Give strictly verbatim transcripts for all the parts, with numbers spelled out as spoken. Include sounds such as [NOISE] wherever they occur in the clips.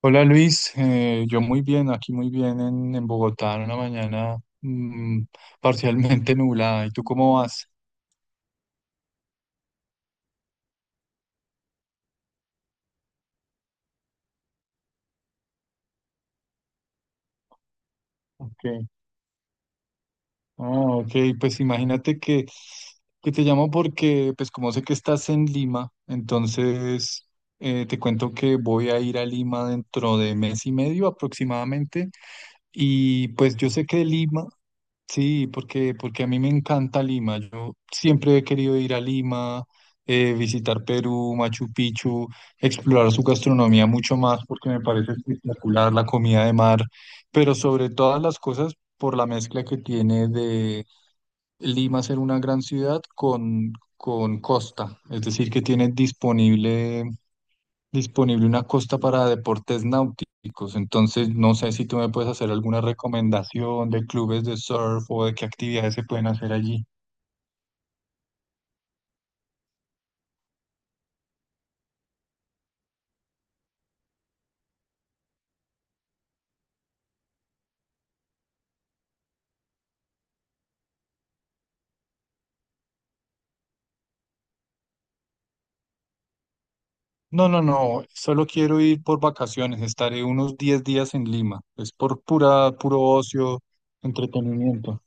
Hola Luis, eh, yo muy bien, aquí muy bien en, en Bogotá, en una mañana mm, parcialmente [LAUGHS] nublada. ¿Y tú cómo vas? Ok, ah, ok, pues imagínate que, que te llamo porque, pues como sé que estás en Lima, entonces eh, te cuento que voy a ir a Lima dentro de mes y medio aproximadamente. Y pues yo sé que Lima. Sí, porque, porque a mí me encanta Lima. Yo siempre he querido ir a Lima, eh, visitar Perú, Machu Picchu, explorar su gastronomía mucho más porque me parece espectacular la comida de mar, pero sobre todas las cosas por la mezcla que tiene de Lima ser una gran ciudad con, con costa, es decir, que tiene disponible, disponible una costa para deportes náuticos. Entonces, no sé si tú me puedes hacer alguna recomendación de clubes de surf o de qué actividades se pueden hacer allí. No, no, no, solo quiero ir por vacaciones, estaré unos diez días en Lima, es por pura, puro ocio, entretenimiento.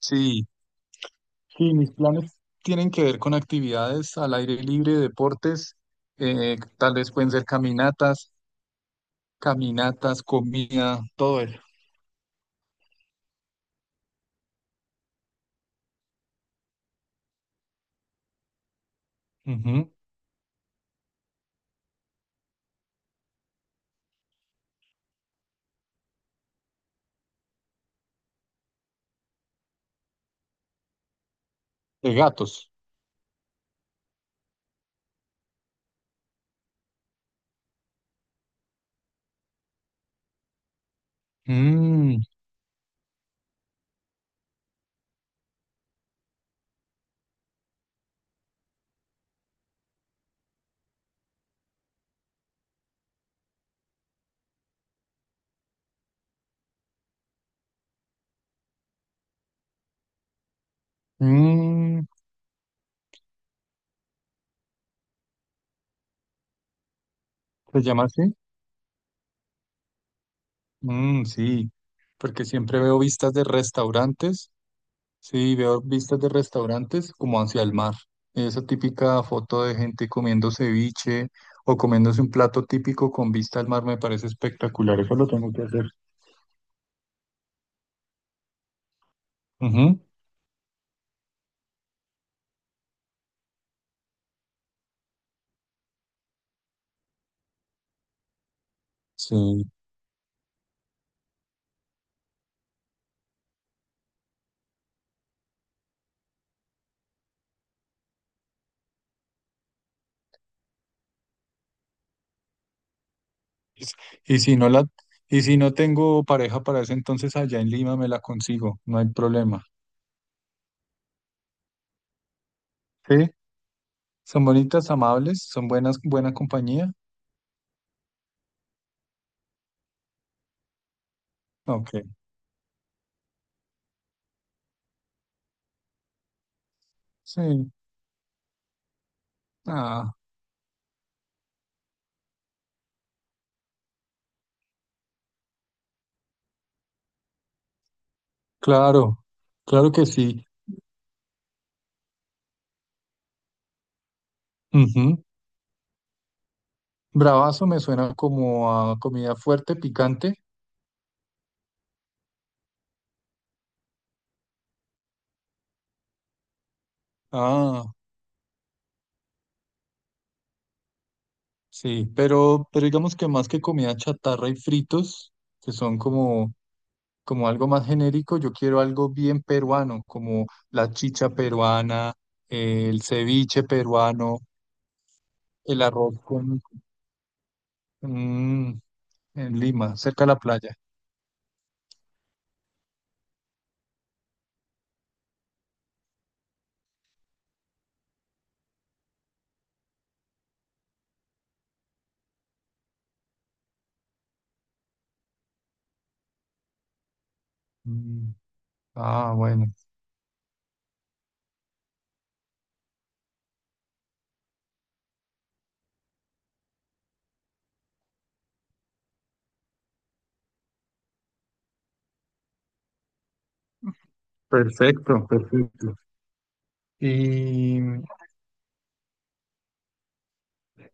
Sí, sí, mis planes tienen que ver con actividades al aire libre, deportes, eh, tal vez pueden ser caminatas, caminatas, comida, todo eso. Ujú. De gatos. Mm, mm, ¿se llama así? Mm, sí, porque siempre veo vistas de restaurantes, sí, veo vistas de restaurantes como hacia el mar. Esa típica foto de gente comiendo ceviche o comiéndose un plato típico con vista al mar me parece espectacular, eso lo tengo que hacer. Sí. Y si no la, y si no tengo pareja para ese entonces allá en Lima me la consigo, no hay problema. ¿Sí? ¿Son bonitas, amables? ¿Son buenas, buena compañía? Ok. Sí. Ah, claro, claro que sí. Ujú. Bravazo me suena como a comida fuerte, picante. Ah, sí, pero, pero, digamos que más que comida chatarra y fritos, que son como como algo más genérico, yo quiero algo bien peruano, como la chicha peruana, eh, el ceviche peruano, el arroz con... mm, en Lima, cerca de la playa. Mm. Ah, bueno. Perfecto, perfecto. Y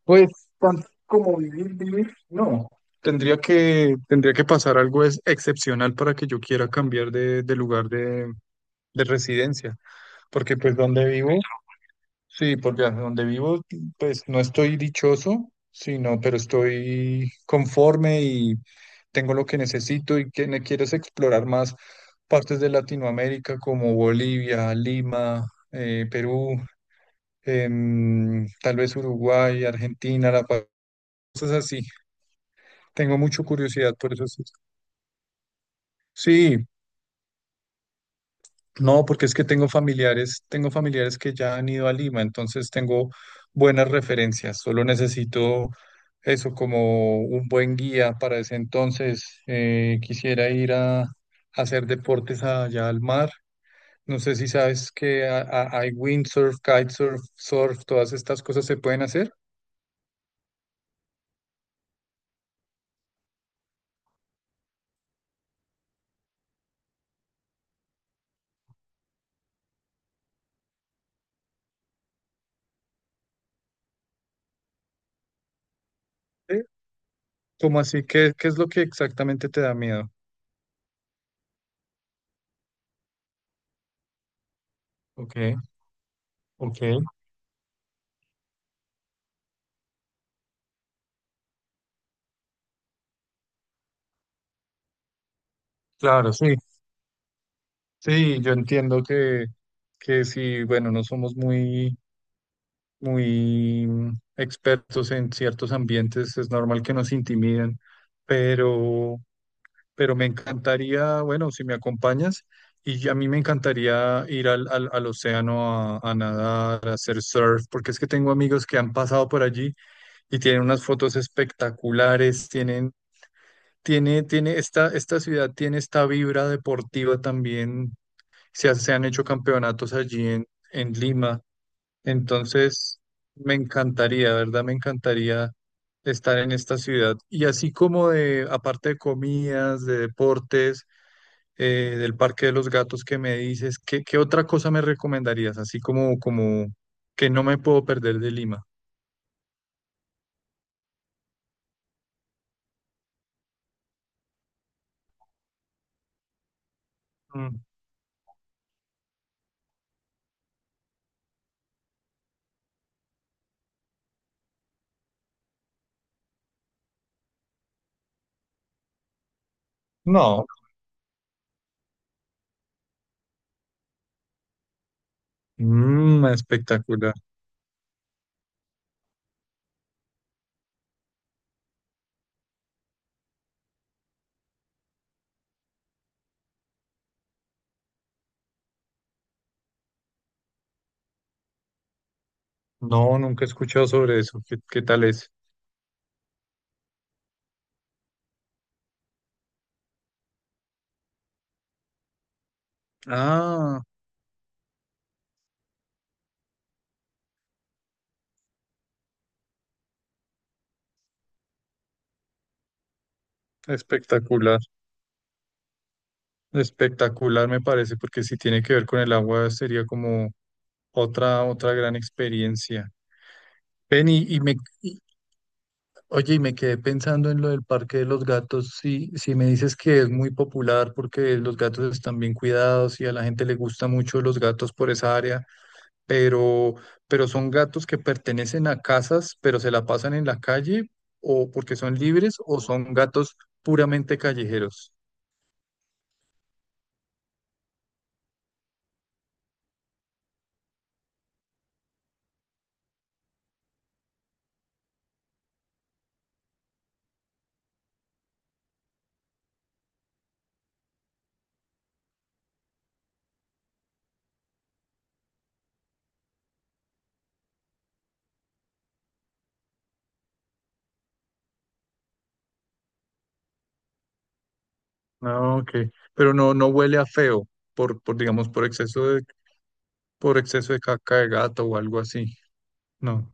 pues tanto como vivir, vivir, no. Tendría que, tendría que pasar algo es excepcional para que yo quiera cambiar de, de lugar de, de residencia, porque pues donde vivo. Sí, porque donde vivo, pues no estoy dichoso, sino, pero estoy conforme y tengo lo que necesito y que me quieres explorar más partes de Latinoamérica como Bolivia, Lima, eh, Perú, em, tal vez Uruguay, Argentina, La Paz, cosas así. Tengo mucha curiosidad por eso. Sí, sí, no, porque es que tengo familiares, tengo familiares que ya han ido a Lima, entonces tengo buenas referencias. Solo necesito eso como un buen guía para ese entonces. Eh, quisiera ir a, a, hacer deportes allá al mar. No sé si sabes que a- a- hay windsurf, kitesurf, surf, todas estas cosas se pueden hacer. ¿Sí? ¿Cómo así? ¿Qué, qué es lo que exactamente te da miedo? Ok, ok, claro, sí. Sí, yo entiendo que, que, si, bueno, no somos muy, muy mm, expertos en ciertos ambientes, es normal que nos intimiden, pero, pero, me encantaría, bueno, si me acompañas, y a mí me encantaría ir al, al, al océano a, a nadar, a hacer surf, porque es que tengo amigos que han pasado por allí y tienen unas fotos espectaculares, tienen, tiene, tiene, esta, esta ciudad tiene esta vibra deportiva también se, ha- se han hecho campeonatos allí en, en Lima. Entonces, me encantaría, ¿verdad? Me encantaría estar en esta ciudad. Y así como de, aparte de comidas, de deportes, eh, del Parque de los Gatos que me dices, ¿qué, qué otra cosa me recomendarías? Así como, como que no me puedo perder de Lima. Mm. No. Mm, espectacular. No, nunca he escuchado sobre eso. ¿Qué, qué tal es? Ah, espectacular. Espectacular me parece, porque si tiene que ver con el agua sería como otra, otra gran experiencia. Ven y, y me, y- oye, y me quedé pensando en lo del Parque de los Gatos. Si, si me dices que es muy popular porque los gatos están bien cuidados y a la gente le gusta mucho los gatos por esa área, pero, pero, son gatos que pertenecen a casas, pero se la pasan en la calle o porque son libres o son gatos puramente callejeros. Ah, ok. Pero no, no huele a feo por, por digamos, por exceso de, por exceso de caca de gato o algo así. No.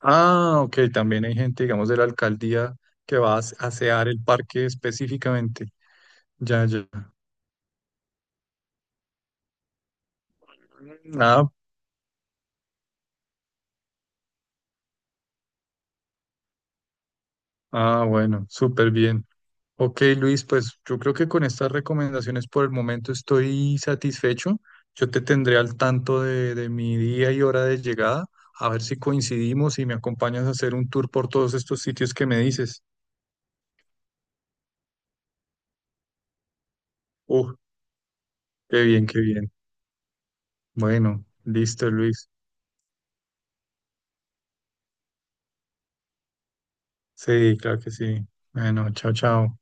Ah, ok. También hay gente, digamos, de la alcaldía que va a as- asear el parque específicamente. Ya, ya. Ah, ah, bueno, súper bien. Ok, Luis, pues yo creo que con estas recomendaciones por el momento estoy satisfecho. Yo te tendré al tanto de, de mi día y hora de llegada, a ver si coincidimos y me acompañas a hacer un tour por todos estos sitios que me dices. Uh, Qué bien, qué bien. Bueno, listo, Luis. Sí, claro que sí. Bueno, chao, chao.